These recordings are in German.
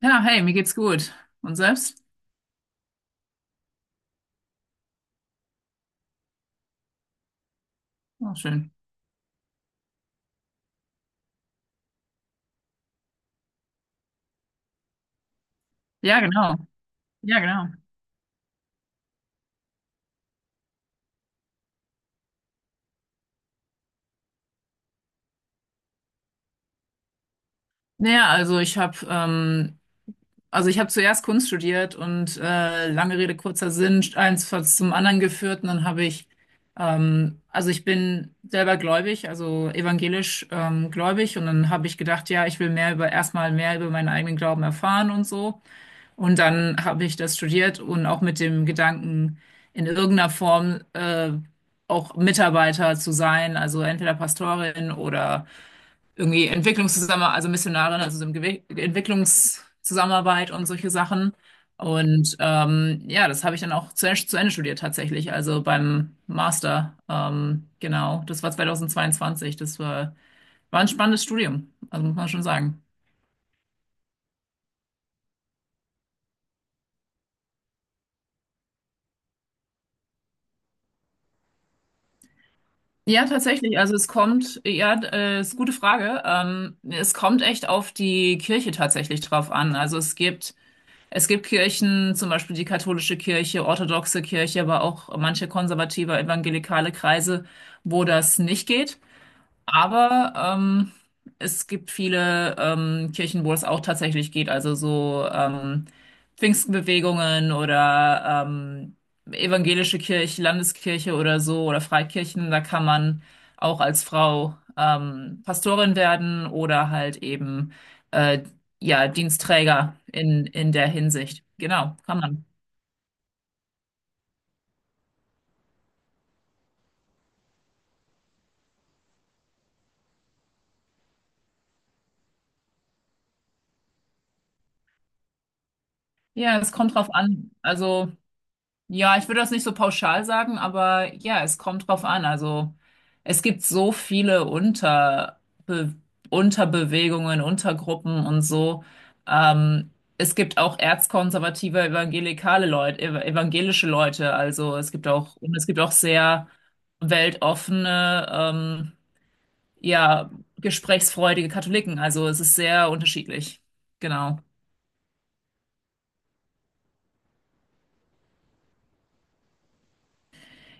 Ja, hey, mir geht's gut. Und selbst? Oh, schön. Ja, genau. Ja, genau. Naja, also ich habe zuerst Kunst studiert und lange Rede, kurzer Sinn, eins hat zum anderen geführt und dann habe ich also ich bin selber gläubig, also evangelisch gläubig und dann habe ich gedacht, ja, ich will mehr über erstmal mehr über meinen eigenen Glauben erfahren und so. Und dann habe ich das studiert und auch mit dem Gedanken, in irgendeiner Form auch Mitarbeiter zu sein, also entweder Pastorin oder irgendwie Entwicklungszusammenarbeit, also Missionarin, also so im Gewe Entwicklungszusammenarbeit und solche Sachen. Und ja, das habe ich dann auch zu Ende studiert tatsächlich, also beim Master. Genau, das war 2022. Das war ein spannendes Studium, also muss man schon sagen. Ja, tatsächlich. Also es kommt, ja, ist eine gute Frage. Es kommt echt auf die Kirche tatsächlich drauf an. Es gibt Kirchen, zum Beispiel die katholische Kirche, orthodoxe Kirche, aber auch manche konservative evangelikale Kreise, wo das nicht geht. Aber es gibt viele Kirchen, wo es auch tatsächlich geht, also so Pfingstbewegungen oder evangelische Kirche, Landeskirche oder so oder Freikirchen, da kann man auch als Frau Pastorin werden oder halt eben äh, ja Dienststräger in der Hinsicht. Genau, kann man. Ja, es kommt drauf an. Also ja, ich würde das nicht so pauschal sagen, aber ja, es kommt drauf an. Also es gibt so viele Unterbewegungen, Untergruppen und so. Ähm, Es gibt auch erzkonservative evangelikale Leute, ev evangelische Leute. Also es gibt auch und es gibt auch sehr weltoffene, ja, gesprächsfreudige Katholiken. Also es ist sehr unterschiedlich. Genau.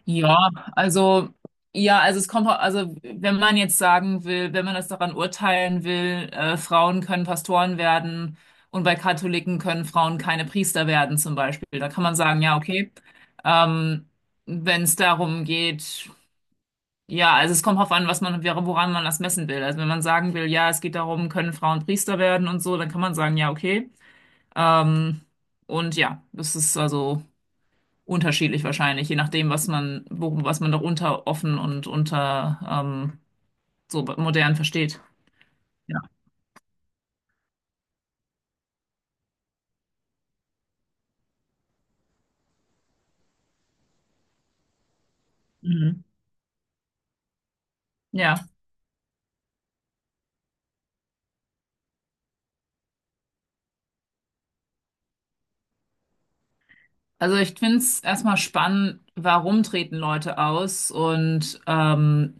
Ja, also ja, also es kommt, also wenn man jetzt sagen will, wenn man das daran urteilen will, Frauen können Pastoren werden und bei Katholiken können Frauen keine Priester werden zum Beispiel, da kann man sagen, ja, okay. Ähm, Wenn es darum geht, ja, also es kommt drauf an, was man, woran man das messen will. Also wenn man sagen will, ja, es geht darum, können Frauen Priester werden und so, dann kann man sagen, ja, okay. Ähm, und ja, das ist also unterschiedlich wahrscheinlich, je nachdem, was man, worum, was man darunter offen und unter so modern versteht. Ja. Mhm. Ja. Also ich finde es erstmal spannend, warum treten Leute aus und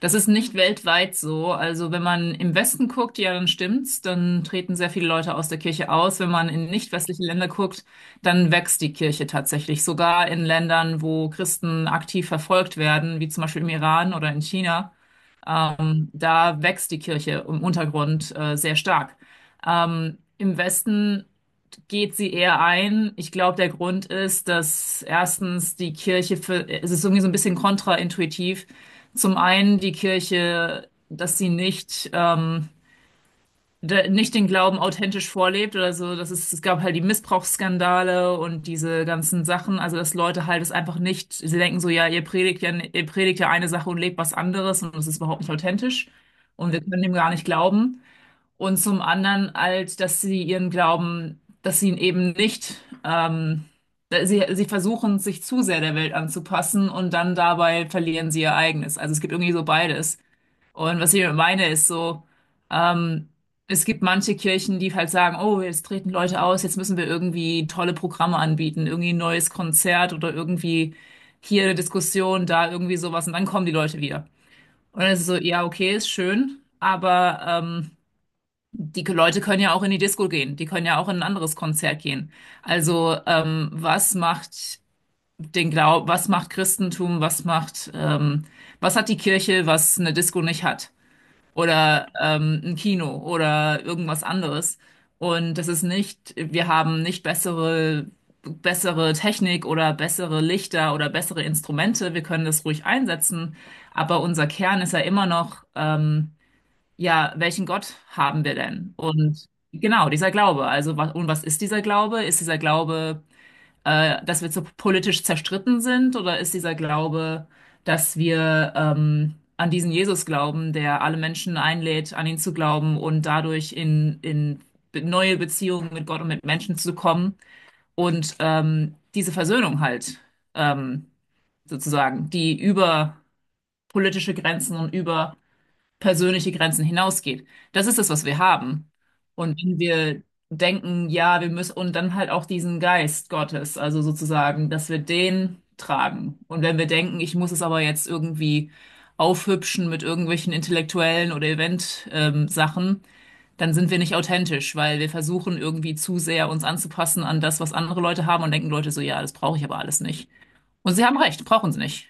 das ist nicht weltweit so. Also wenn man im Westen guckt, ja, dann stimmt's, dann treten sehr viele Leute aus der Kirche aus. Wenn man in nicht westliche Länder guckt, dann wächst die Kirche tatsächlich. Sogar in Ländern, wo Christen aktiv verfolgt werden, wie zum Beispiel im Iran oder in China. Da wächst die Kirche im Untergrund sehr stark. Im Westen geht sie eher ein. Ich glaube, der Grund ist, dass erstens die Kirche für, es ist irgendwie so ein bisschen kontraintuitiv. Zum einen die Kirche, dass sie nicht nicht den Glauben authentisch vorlebt oder so. Das ist, es gab halt die Missbrauchsskandale und diese ganzen Sachen. Also, dass Leute halt es einfach nicht, sie denken so, ja, ihr predigt ja, ihr predigt ja eine Sache und lebt was anderes und es ist überhaupt nicht authentisch. Und wir können dem gar nicht glauben. Und zum anderen halt, dass sie ihren Glauben, dass sie ihn eben nicht, sie versuchen, sich zu sehr der Welt anzupassen und dann dabei verlieren sie ihr eigenes. Also es gibt irgendwie so beides. Und was ich damit meine, ist so, ähm, es gibt manche Kirchen, die halt sagen, oh, jetzt treten Leute aus, jetzt müssen wir irgendwie tolle Programme anbieten, irgendwie ein neues Konzert oder irgendwie hier eine Diskussion, da irgendwie sowas und dann kommen die Leute wieder. Und dann ist es so, ja, okay, ist schön, aber die Leute können ja auch in die Disco gehen, die können ja auch in ein anderes Konzert gehen. Also was macht was macht Christentum, was macht, was hat die Kirche, was eine Disco nicht hat? Oder ein Kino oder irgendwas anderes. Und das ist nicht, wir haben nicht bessere Technik oder bessere Lichter oder bessere Instrumente. Wir können das ruhig einsetzen. Aber unser Kern ist ja immer noch, ja, welchen Gott haben wir denn? Und genau, dieser Glaube. Also, was, und was ist dieser Glaube? Ist dieser Glaube dass wir so politisch zerstritten sind? Oder ist dieser Glaube, dass wir an diesen Jesus glauben, der alle Menschen einlädt, an ihn zu glauben und dadurch in neue Beziehungen mit Gott und mit Menschen zu kommen und diese Versöhnung halt ähm, sozusagen, die über politische Grenzen und über persönliche Grenzen hinausgeht. Das ist es, was wir haben. Und wenn wir denken, ja, wir müssen, und dann halt auch diesen Geist Gottes, also sozusagen, dass wir den tragen. Und wenn wir denken, ich muss es aber jetzt irgendwie aufhübschen mit irgendwelchen intellektuellen oder Event-Sachen, dann sind wir nicht authentisch, weil wir versuchen irgendwie zu sehr uns anzupassen an das, was andere Leute haben und denken Leute so, ja, das brauche ich aber alles nicht. Und sie haben recht, brauchen sie nicht.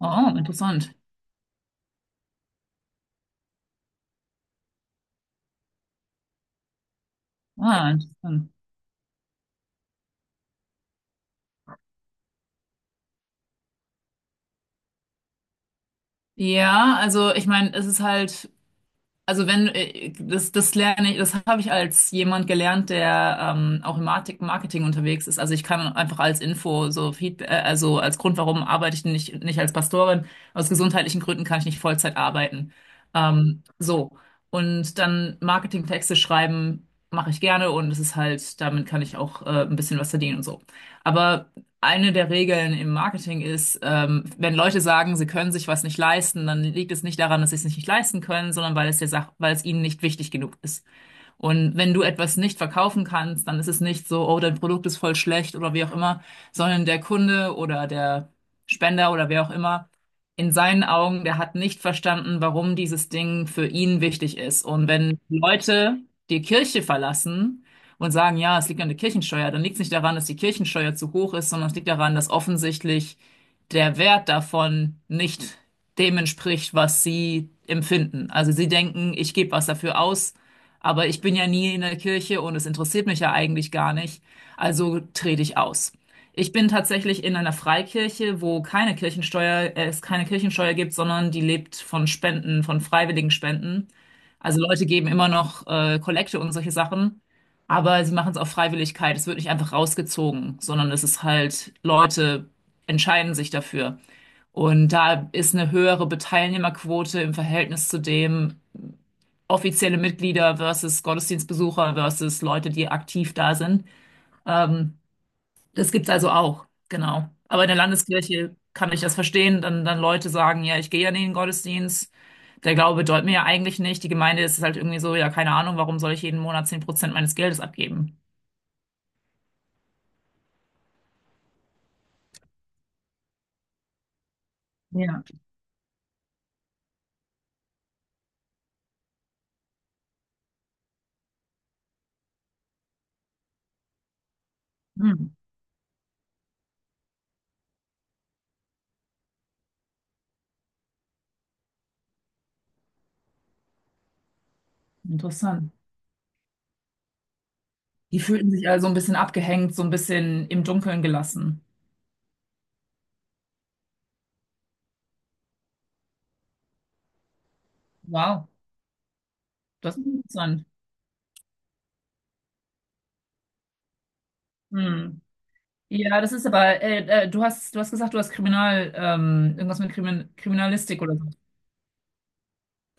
Oh, interessant. Ah, interessant. Ja, also ich meine, es ist halt, also wenn, das lerne ich, das habe ich als jemand gelernt, der auch im Marketing unterwegs ist. Also ich kann einfach als Info so Feedback, also als Grund, warum arbeite ich nicht als Pastorin, aus gesundheitlichen Gründen kann ich nicht Vollzeit arbeiten. So. Und dann Marketingtexte schreiben mache ich gerne und es ist halt, damit kann ich auch ein bisschen was verdienen und so. Aber eine der Regeln im Marketing ist, wenn Leute sagen, sie können sich was nicht leisten, dann liegt es nicht daran, dass sie es nicht leisten können, sondern weil es der Sach weil es ihnen nicht wichtig genug ist. Und wenn du etwas nicht verkaufen kannst, dann ist es nicht so, oh, dein Produkt ist voll schlecht oder wie auch immer, sondern der Kunde oder der Spender oder wer auch immer, in seinen Augen, der hat nicht verstanden, warum dieses Ding für ihn wichtig ist. Und wenn Leute die Kirche verlassen und sagen, ja, es liegt an der Kirchensteuer, dann liegt es nicht daran, dass die Kirchensteuer zu hoch ist, sondern es liegt daran, dass offensichtlich der Wert davon nicht dem entspricht, was sie empfinden. Also sie denken, ich gebe was dafür aus, aber ich bin ja nie in der Kirche und es interessiert mich ja eigentlich gar nicht, also trete ich aus. Ich bin tatsächlich in einer Freikirche, wo keine es keine Kirchensteuer gibt, sondern die lebt von Spenden, von freiwilligen Spenden. Also Leute geben immer noch Kollekte und solche Sachen, aber sie machen es auf Freiwilligkeit. Es wird nicht einfach rausgezogen, sondern es ist halt Leute entscheiden sich dafür. Und da ist eine höhere Teilnehmerquote im Verhältnis zu dem offizielle Mitglieder versus Gottesdienstbesucher versus Leute, die aktiv da sind. Ähm, Das gibt's also auch, genau. Aber in der Landeskirche kann ich das verstehen, dann Leute sagen, ja, ich gehe ja nicht in den Gottesdienst. Der Glaube bedeutet mir ja eigentlich nicht. Die Gemeinde ist halt irgendwie so, ja, keine Ahnung, warum soll ich jeden Monat 10% meines Geldes abgeben? Ja, hm, interessant. Die fühlten sich also ein bisschen abgehängt, so ein bisschen im Dunkeln gelassen. Wow, das ist interessant. Hm. Ja, das ist aber, du hast gesagt, du hast irgendwas mit Kriminalistik oder so.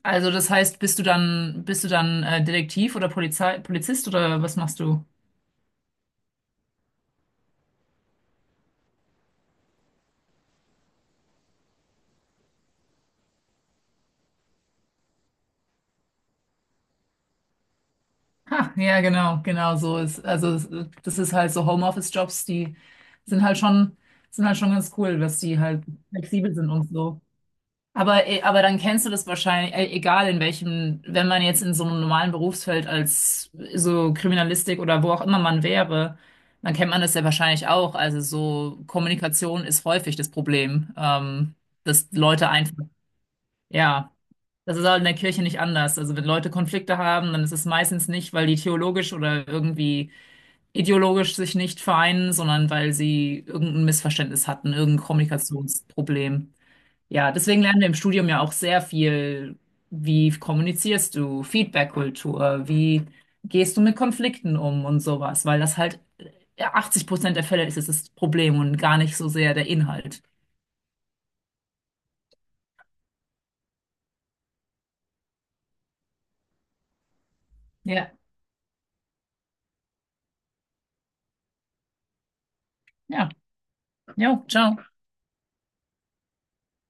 Also das heißt, bist du dann Detektiv oder Polizei Polizist oder was machst du? Ha, ja, genau, genau so ist. Das ist halt so Homeoffice-Jobs, die sind halt schon, sind halt schon ganz cool, dass die halt flexibel sind und so. Aber dann kennst du das wahrscheinlich, egal in welchem, wenn man jetzt in so einem normalen Berufsfeld als so Kriminalistik oder wo auch immer man wäre, dann kennt man das ja wahrscheinlich auch. Also so Kommunikation ist häufig das Problem, dass Leute einfach, ja, das ist halt in der Kirche nicht anders. Also wenn Leute Konflikte haben, dann ist es meistens nicht, weil die theologisch oder irgendwie ideologisch sich nicht vereinen, sondern weil sie irgendein Missverständnis hatten, irgendein Kommunikationsproblem. Ja, deswegen lernen wir im Studium ja auch sehr viel, wie kommunizierst du, Feedback-Kultur, wie gehst du mit Konflikten um und sowas, weil das halt 80% der Fälle ist es das Problem und gar nicht so sehr der Inhalt. Ja, ja, jo, ciao.